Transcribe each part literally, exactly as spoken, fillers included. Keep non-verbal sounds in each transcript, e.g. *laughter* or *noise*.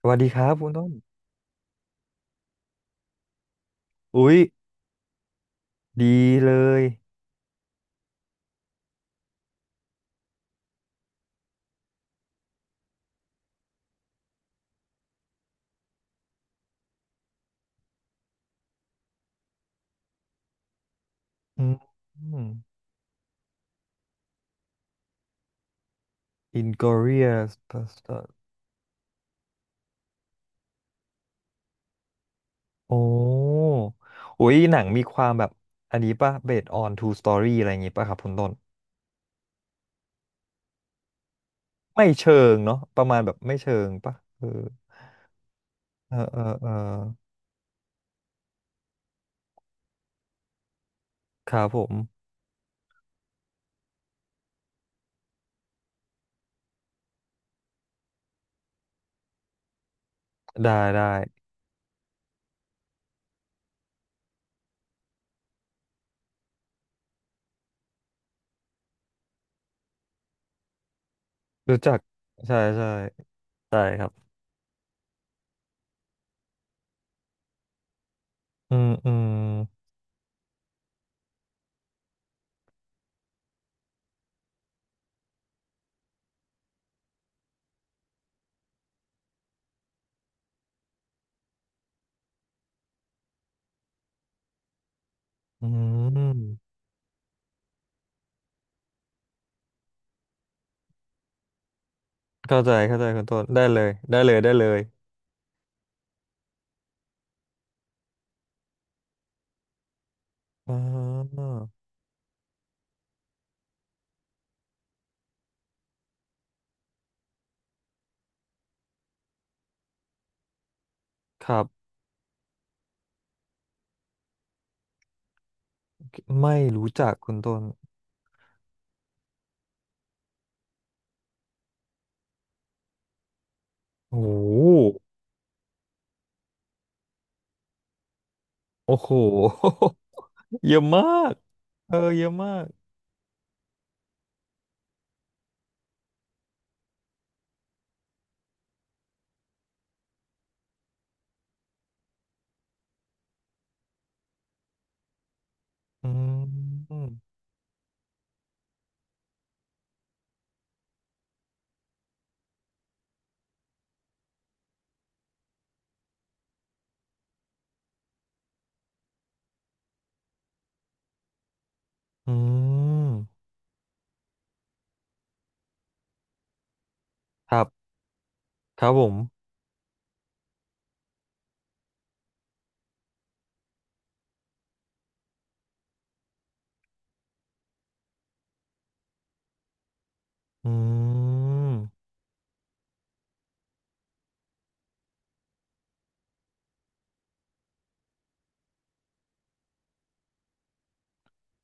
สวัสดีครับคุณต้นอุ๊ยดีเลยอืม Inglourious Bastard โอ้อุ๊ยหนังมีความแบบอันนี้ป่ะ based on true story อะไรอย่างงี้ป่ะครับคุณต้นไม่เชิงเนาะประมาณแบบไม่เชิงป่ะเออเออเออเออครับผมได้ได้รู้จักใช่ใช่ใช่ครับอืมอืมอืมเข้าใจเข้าใจคุณต้นได้เลยได้เลยได้เลยอ่าครับไม่รู้จักคุณต้น โอ้โห *laughs* โอ้โหเยอะมาก เออเยอะมากอืมอืมครับ ครับผมอืม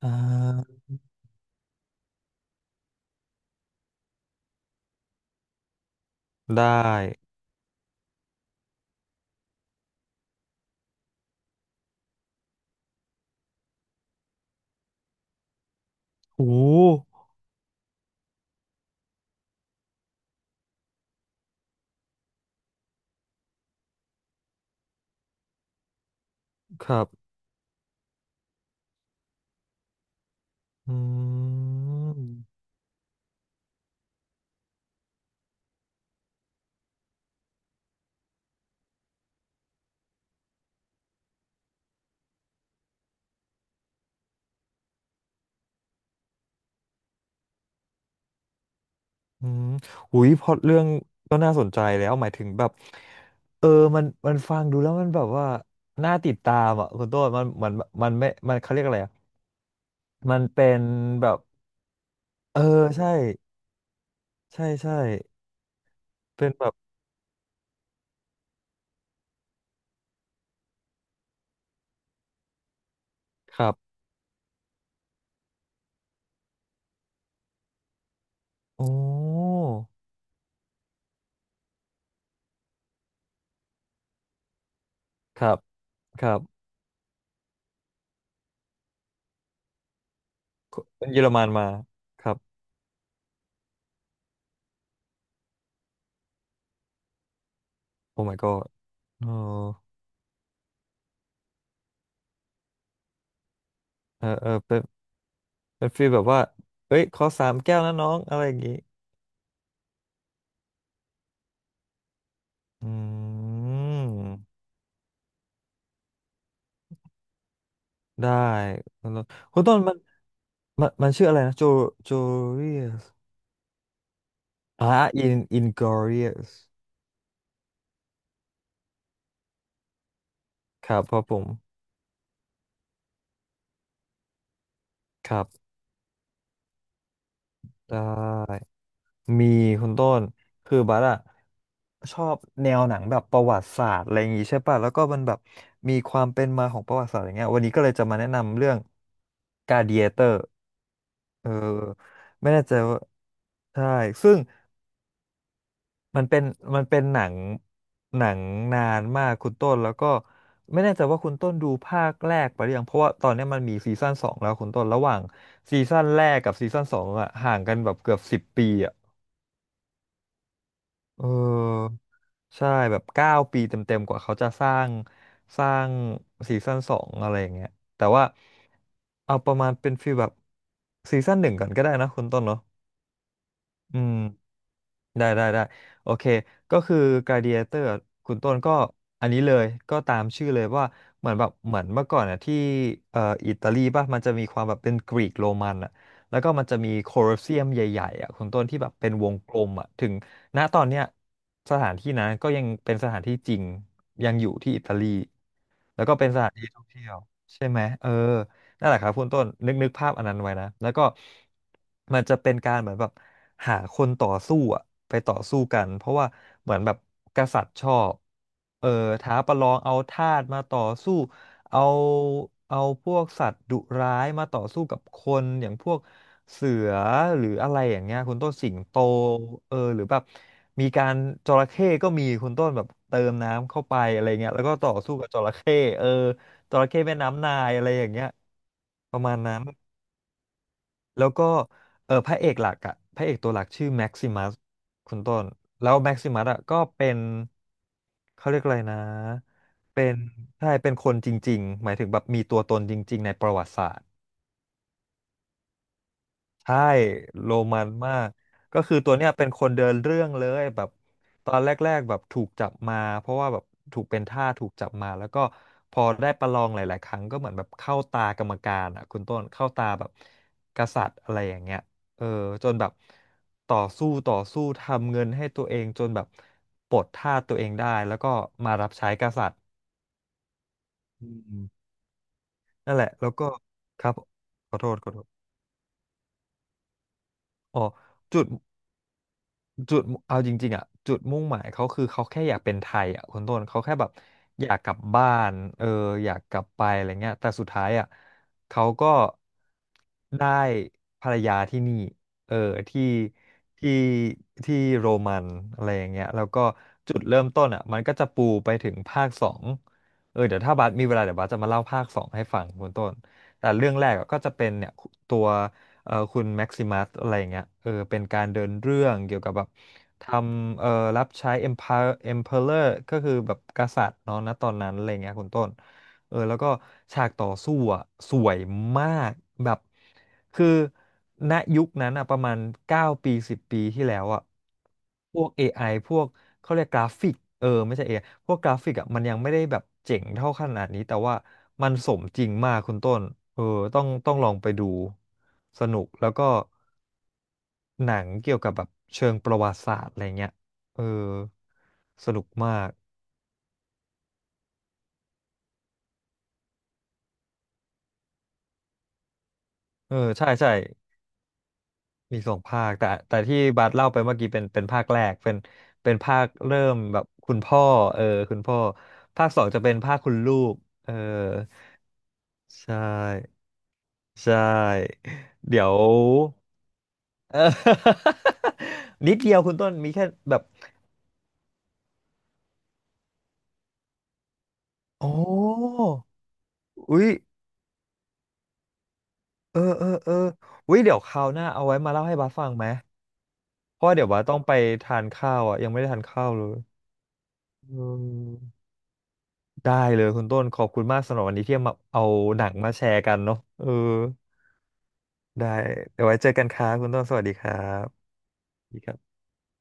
อ่าได้ โอ้ครับอืมอืมอุ้ยพล็อตเรื่องก็น่าสนใจแล้ว หมายถึงแบบเออมันมันฟังดูแล้วมันแบบว่า น่าติดตามอ่ะคุณต้นมันมันมันไม่มันเขาเรียกอะไรอ่ะมันเป็นแบบ เออใช่ ใช่ ใช่ เป็นแบบ ครับ โอ้อครับครับเป็นเยอรมันมา ครับ โอ้ my god เออเออเออ เป็นเป็นฟีลแบบว่า เฮ้ย ขอสามแก้วนะน้อง อะไรอย่างงี้ อืม ได้คุณต้นคุณต้นมันมัน มันชื่ออะไรนะ โจโจเรียสอ่าอินอินกอเรียสครับครับผม ครับ ได้ มีคุณต้นคือบัสอะชอบแนวหนังแบบประวัติศาสตร์อะไรอย่างงี้ใช่ป่ะแล้วก็มันแบบมีความเป็นมาของประวัติศาสตร์อย่างเงี้ยวันนี้ก็เลยจะมาแนะนำเรื่องกา a d เ a เตอร์เออไม่แน่ใจว่าใช่ซึ่งมันเป็นมันเป็นหนังหนังนานมากคุณต้นแล้วก็ไม่แน่ใจว่าคุณต้นดูภาคแรกไปหรือยังเพราะว่าตอนเนี้ยมันมีซีซั่นสองแล้วคุณต้นระหว่างซีซั่นแรกกับซีซั่นสองอะห่างกันแบบเกือบสิบปีอะ เออใช่แบบเก้าปีเต็มๆกว่าเขาจะสร้างสร้างซีซั่นสองอะไรอย่างเงี้ยแต่ว่าเอาประมาณเป็นฟีลแบบซีซั่นหนึ่งก่อนก็ได้นะคุณต้นเนาะอืม ได้ได้ได้โอเคก็คือ Gladiator อะคุณต้นก็อันนี้เลยก็ตามชื่อเลยว่าเหมือนแบบเหมือนเมื่อก่อนอ่ะที่เอ่ออิตาลีป่ะมันจะมีความแบบเป็นกรีกโรมันอ่ะแล้วก็มันจะมีโคลอสเซียมใหญ่ๆอ่ะคุณต้นที่แบบเป็นวงกลมอ่ะถึงณตอนเนี้ยสถานที่นั้นก็ยังเป็นสถานที่จริงยังอยู่ที่อิตาลี แล้วก็เป็นสถานที่ท่องเที่ยวใช่ไหมเออนั่นแหละครับคุณต้นนึกนึกภาพอันนั้นไว้นะแล้วก็มันจะเป็นการเหมือนแบบหาคนต่อสู้อะไปต่อสู้กันเพราะว่าเหมือนแบบกษัตริย์ชอบเออท้าประลองเอาทาสมาต่อสู้เอาเอาพวกสัตว์ดุร้ายมาต่อสู้กับคนอย่างพวก เสือหรืออะไรอย่างเงี้ยคุณต้นสิงโตเออหรือแบบมีการจระเข้ก็มีคุณต้นแบบเติมน้ำเข้าไปอะไรเงี้ยแล้วก็ต่อสู้กับจระเข้เออจระเข้แม่น้ำนายอะไรอย่างเงี้ยประมาณนั้นแล้วก็เออพระเอกหลักอะพระเอกตัวหลักชื่อแม็กซิมัสคุณต้นแล้วแม็กซิมัสอะก็เป็นเขาเรียกอะไรนะเป็นใช่เป็นคนจริงๆหมายถึงแบบมีตัวตนจริงๆในประวัติศาสตร์ ใช่โรมันมากก็คือตัวเนี้ยเป็นคนเดินเรื่องเลยแบบตอนแรกๆแบบถูกจับมาเพราะว่าแบบถูกเป็นทาสถูกจับมาแล้วก็พอได้ประลองหลายๆครั้งก็เหมือนแบบเข้าตากรรมการอ่ะคุณต้นเข้าตาแบบกษัตริย์อะไรอย่างเงี้ยเออจนแบบต่อสู้ต่อสู้ทำเงินให้ตัวเองจนแบบปลดทาสตัวเองได้แล้วก็มารับใช้กษัตริย์อืมนั่นแหละแล้วก็ครับขอโทษขอโทษอ๋อจุด จุดเอาจริงๆอ่ะจุดมุ่งหมายเขาคือเขาแค่อยากเป็นไทยอ่ะคนต้นเขาแค่แบบอยากกลับบ้านเอออยากกลับไปอะไรเงี้ยแต่สุดท้ายอ่ะเขาก็ได้ภรรยาที่นี่เออที่ที่ที่โรมันอะไรอย่างเงี้ยแล้วก็จุดเริ่มต้นอ่ะมันก็จะปูไปถึงภาคสองเออเดี๋ยวถ้าบาสมีเวลาเดี๋ยวบาสจะมาเล่าภาคสองให้ฟังคุณต้นแต่เรื่องแรกอะก็จะเป็นเนี่ยตัว เอ่อคุณแม็กซิมัสอะไรอย่างเงี้ยเออเป็นการเดินเรื่องเกี่ยวกับแบบทำเอ่อรับใช้ Empire Emperor ก็คือแบบกษัตริย์เนาะณตอนนั้นอะไรอย่างเงี้ยคุณต้นเออแล้วก็ฉากต่อสู้อ่ะสวยมากแบบคือณยุคนั้นอ่ะประมาณเก้าปีสิบปีที่แล้วอ่ะพวก เอ ไอ พวกเขาเรียกกราฟิกเออไม่ใช่เอไอพวกกราฟิกอ่ะมันยังไม่ได้แบบเจ๋งเท่าขนาดนี้แต่ว่ามันสมจริงมากคุณต้นเออต้องต้องลองไปดู สนุกแล้วก็หนังเกี่ยวกับแบบเชิงประวัติศาสตร์อะไรเงี้ยเออสนุกมากเออใช่ใช่มีสองภาคแต่แต่ที่บาสเล่าไปเมื่อกี้เป็นเป็นภาคแรกเป็นเป็นภาคเริ่มแบบคุณพ่อเออคุณพ่อภาคสองจะเป็นภาคคุณลูกเออใช่ใช่เดี๋ยว *laughs* เออ *laughs* นิดเดียวคุณต้นมีแค่แบบโอ้อุ้ยเออเออเอออุ้ยเดี๋ยวคราวหน้าเอาไว้มาเล่าให้บาสฟังไหม เพราะว่าเดี๋ยวว่าต้องไปทานข้าวอ่ะยังไม่ได้ทานข้าวเลยอืมได้เลยคุณต้นขอบคุณมากสำหรับวันนี้ที่มาเอาหนังมาแชร์กันเนาะเออได้เดี๋ยวไว้เจอกันครับคุณต้นสวัสดีครับสวัสดีครับ